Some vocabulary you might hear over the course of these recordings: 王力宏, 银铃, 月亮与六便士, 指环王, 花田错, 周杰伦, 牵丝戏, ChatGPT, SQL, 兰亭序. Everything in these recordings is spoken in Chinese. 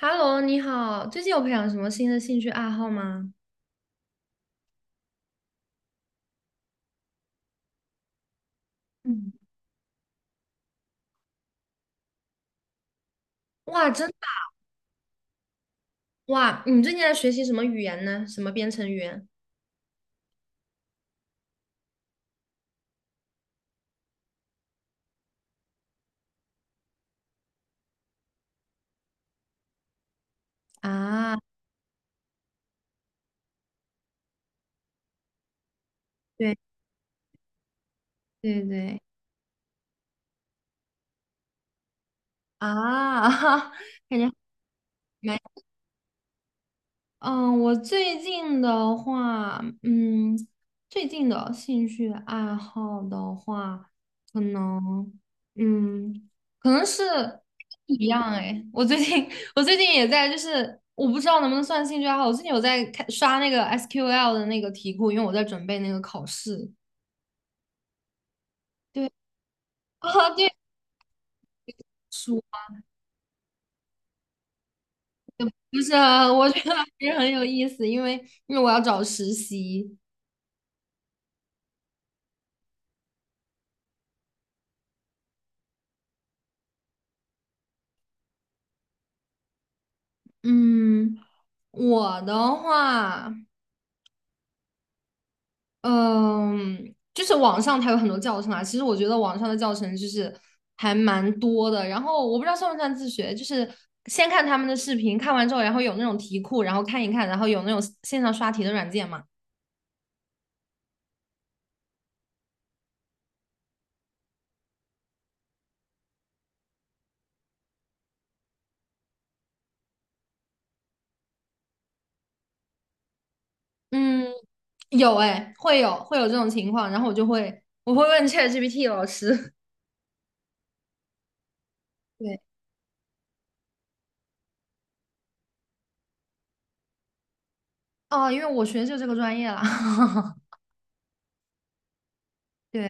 Hello,你好，最近有培养什么新的兴趣爱好吗？嗯，哇，真的哇！你最近在学习什么语言呢？什么编程语言？啊。啊对对对，啊，感觉蛮嗯，我最近的话，最近的兴趣爱好的话，可能，嗯，可能是不一样哎。我最近，我最近也在，就是我不知道能不能算兴趣爱好。我最近有在看刷那个 SQL 的那个题库，因为我在准备那个考试。对。 啊，对，数就是我觉得还是很有意思，因为因为我要找实习。嗯，我的话。嗯，就是网上它有很多教程啊。其实我觉得网上的教程就是还蛮多的。然后我不知道算不算自学，就是先看他们的视频，看完之后，然后有那种题库，然后看一看，然后有那种线上刷题的软件嘛。嗯，有哎，会有这种情况，然后我就会问 ChatGPT 老师。对，哦，因为我学的就这个专业啦。对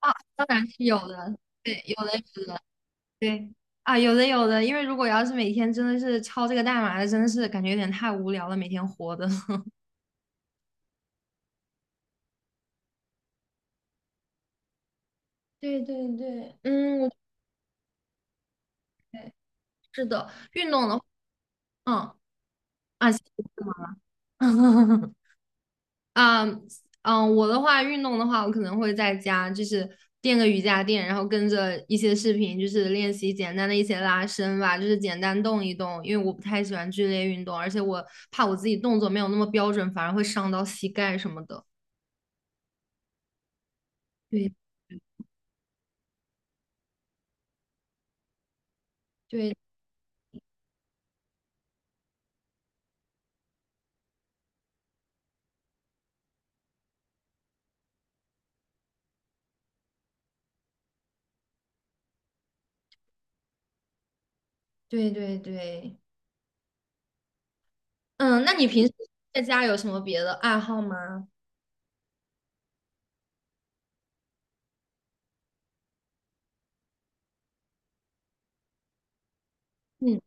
啊，当然是有的，对，有的有的。对啊，有的有的，因为如果要是每天真的是敲这个代码的，真的是感觉有点太无聊了，每天活的。对对对，嗯，我对，是的，运动的，话。嗯，啊，是吗。 啊，嗯，我的话，运动的话，我可能会在家就是垫个瑜伽垫，然后跟着一些视频，就是练习简单的一些拉伸吧，就是简单动一动，因为我不太喜欢剧烈运动，而且我怕我自己动作没有那么标准，反而会伤到膝盖什么的。对对对对对，嗯，那你平时在家有什么别的爱好吗？嗯，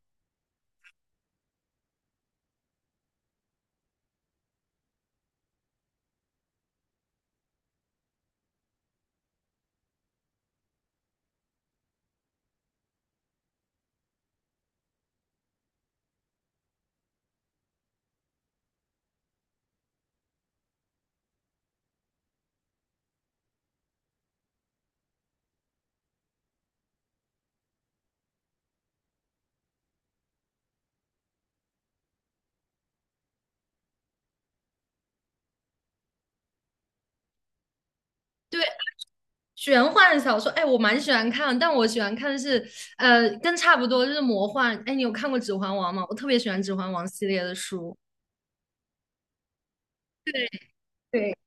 对，玄幻小说，哎，我蛮喜欢看，但我喜欢看的是，跟差不多就是魔幻。哎，你有看过《指环王》吗？我特别喜欢《指环王》系列的书。对，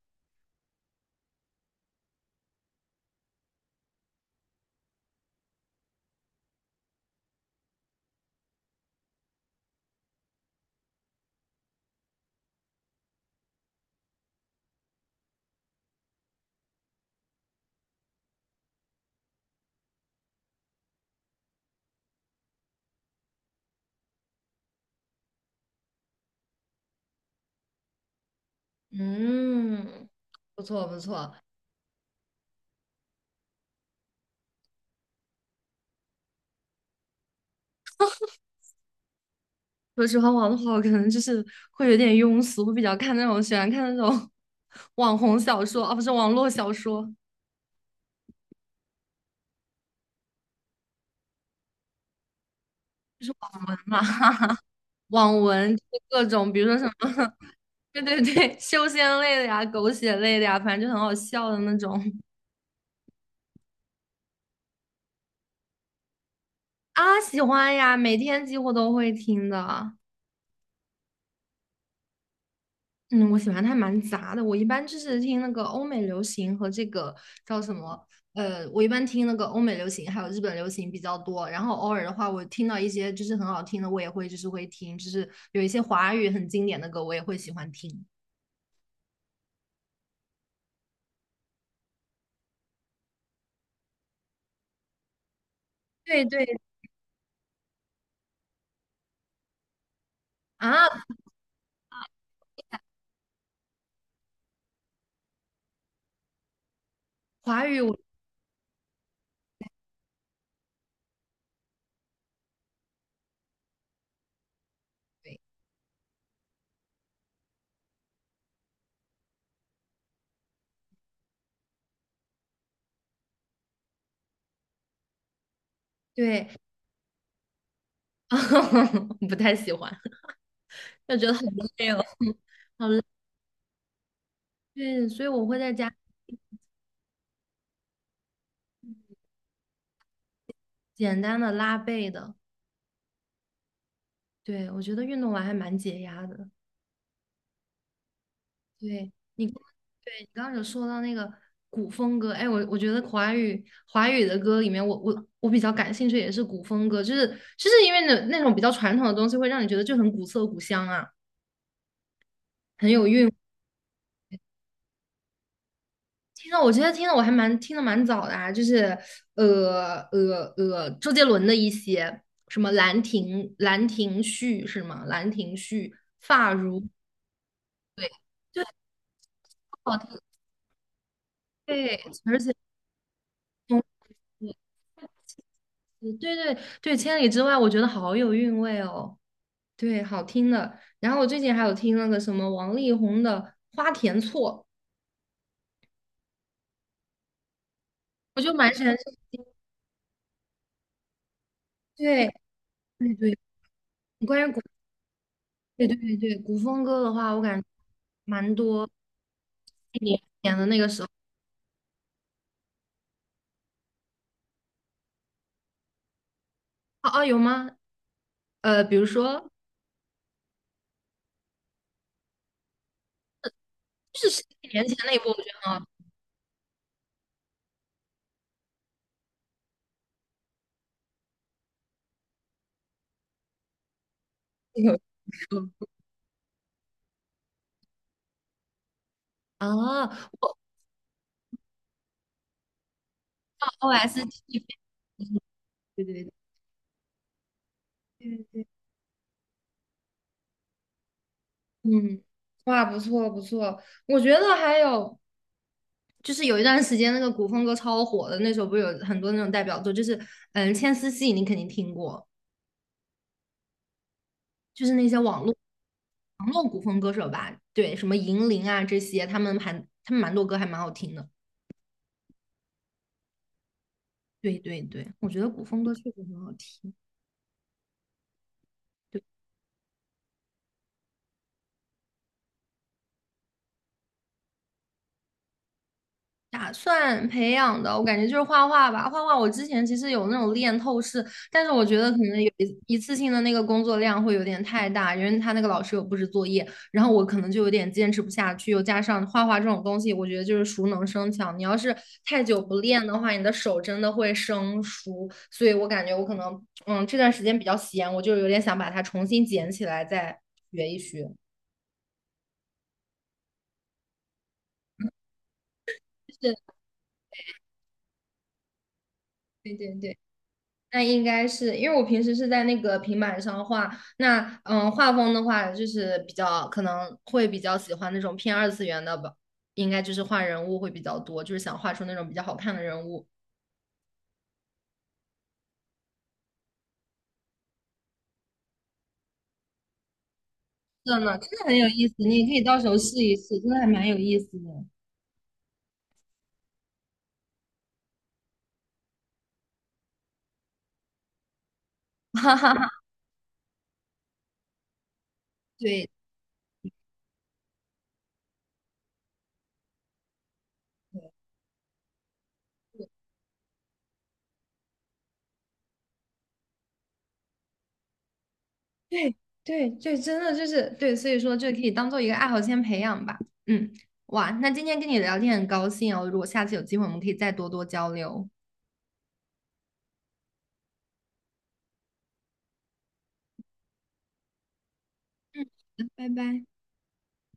嗯，不错不错。说《指环王》的话，我可能就是会有点庸俗，会比较看那种喜欢看那种 网红小说，啊，不是网络小说，文嘛，网文，就是各种，比如说什么。对对对，修仙类的呀，狗血类的呀，反正就很好笑的那种啊，喜欢呀，每天几乎都会听的。嗯，我喜欢它蛮杂的，我一般就是听那个欧美流行和这个叫什么，我一般听那个欧美流行还有日本流行比较多，然后偶尔的话，我听到一些就是很好听的，我也会就是会听，就是有一些华语很经典的歌，我也会喜欢听。对对啊，华语我对对，不太喜欢，就觉得很 累了。对，所以我会在家简单的拉背的。对，我觉得运动完还蛮解压的。对你刚对你刚刚有说到那个古风歌，哎，我觉得华语的歌里面我比较感兴趣也是古风歌，就是就是因为那种比较传统的东西会让你觉得就很古色古香啊，很有韵味。听到我觉得听的蛮早的啊，就是周杰伦的一些什么《兰亭》《兰亭序》是吗？《兰亭序》《发如》。对，对，好听，对，而且嗯。对对对，千里之外，我觉得好有韵味哦，对，好听的。然后我最近还有听那个什么王力宏的《花田错》，我就蛮喜欢这个。对对对，关于古对对对对古风歌的话，我感觉蛮多一年前的那个时候，哦、哦，有吗？呃，比如说就是十几年前那一部，我觉得很好听。有歌啊，哦我 OST,对对对对对。嗯，哇，不错不错，我觉得还有就是有一段时间那个古风歌超火的，那时候不是有很多那种代表作，就是嗯，《牵丝戏》你肯定听过，就是那些网络古风歌手吧，对，什么银铃啊这些，他们蛮多歌还蛮好听的，对对对，我觉得古风歌确实很好听。打算培养的，我感觉就是画画吧。画画我之前其实有那种练透视，但是我觉得可能有一次性的那个工作量会有点太大，因为他那个老师有布置作业，然后我可能就有点坚持不下去。又加上画画这种东西，我觉得就是熟能生巧，你要是太久不练的话，你的手真的会生疏。所以我感觉我可能，嗯，这段时间比较闲，我就有点想把它重新捡起来再学一学。是，对对对。那应该是因为我平时是在那个平板上画，那嗯，画风的话就是比较可能会比较喜欢那种偏二次元的吧，应该就是画人物会比较多，就是想画出那种比较好看的人物。真的，真的很有意思，你也可以到时候试一试，真的还蛮有意思的。哈哈哈 对对对对，真的就是对，所以说就可以当做一个爱好先培养吧。嗯，哇，那今天跟你聊天很高兴哦，如果下次有机会，我们可以再多多交流。嗯，拜拜。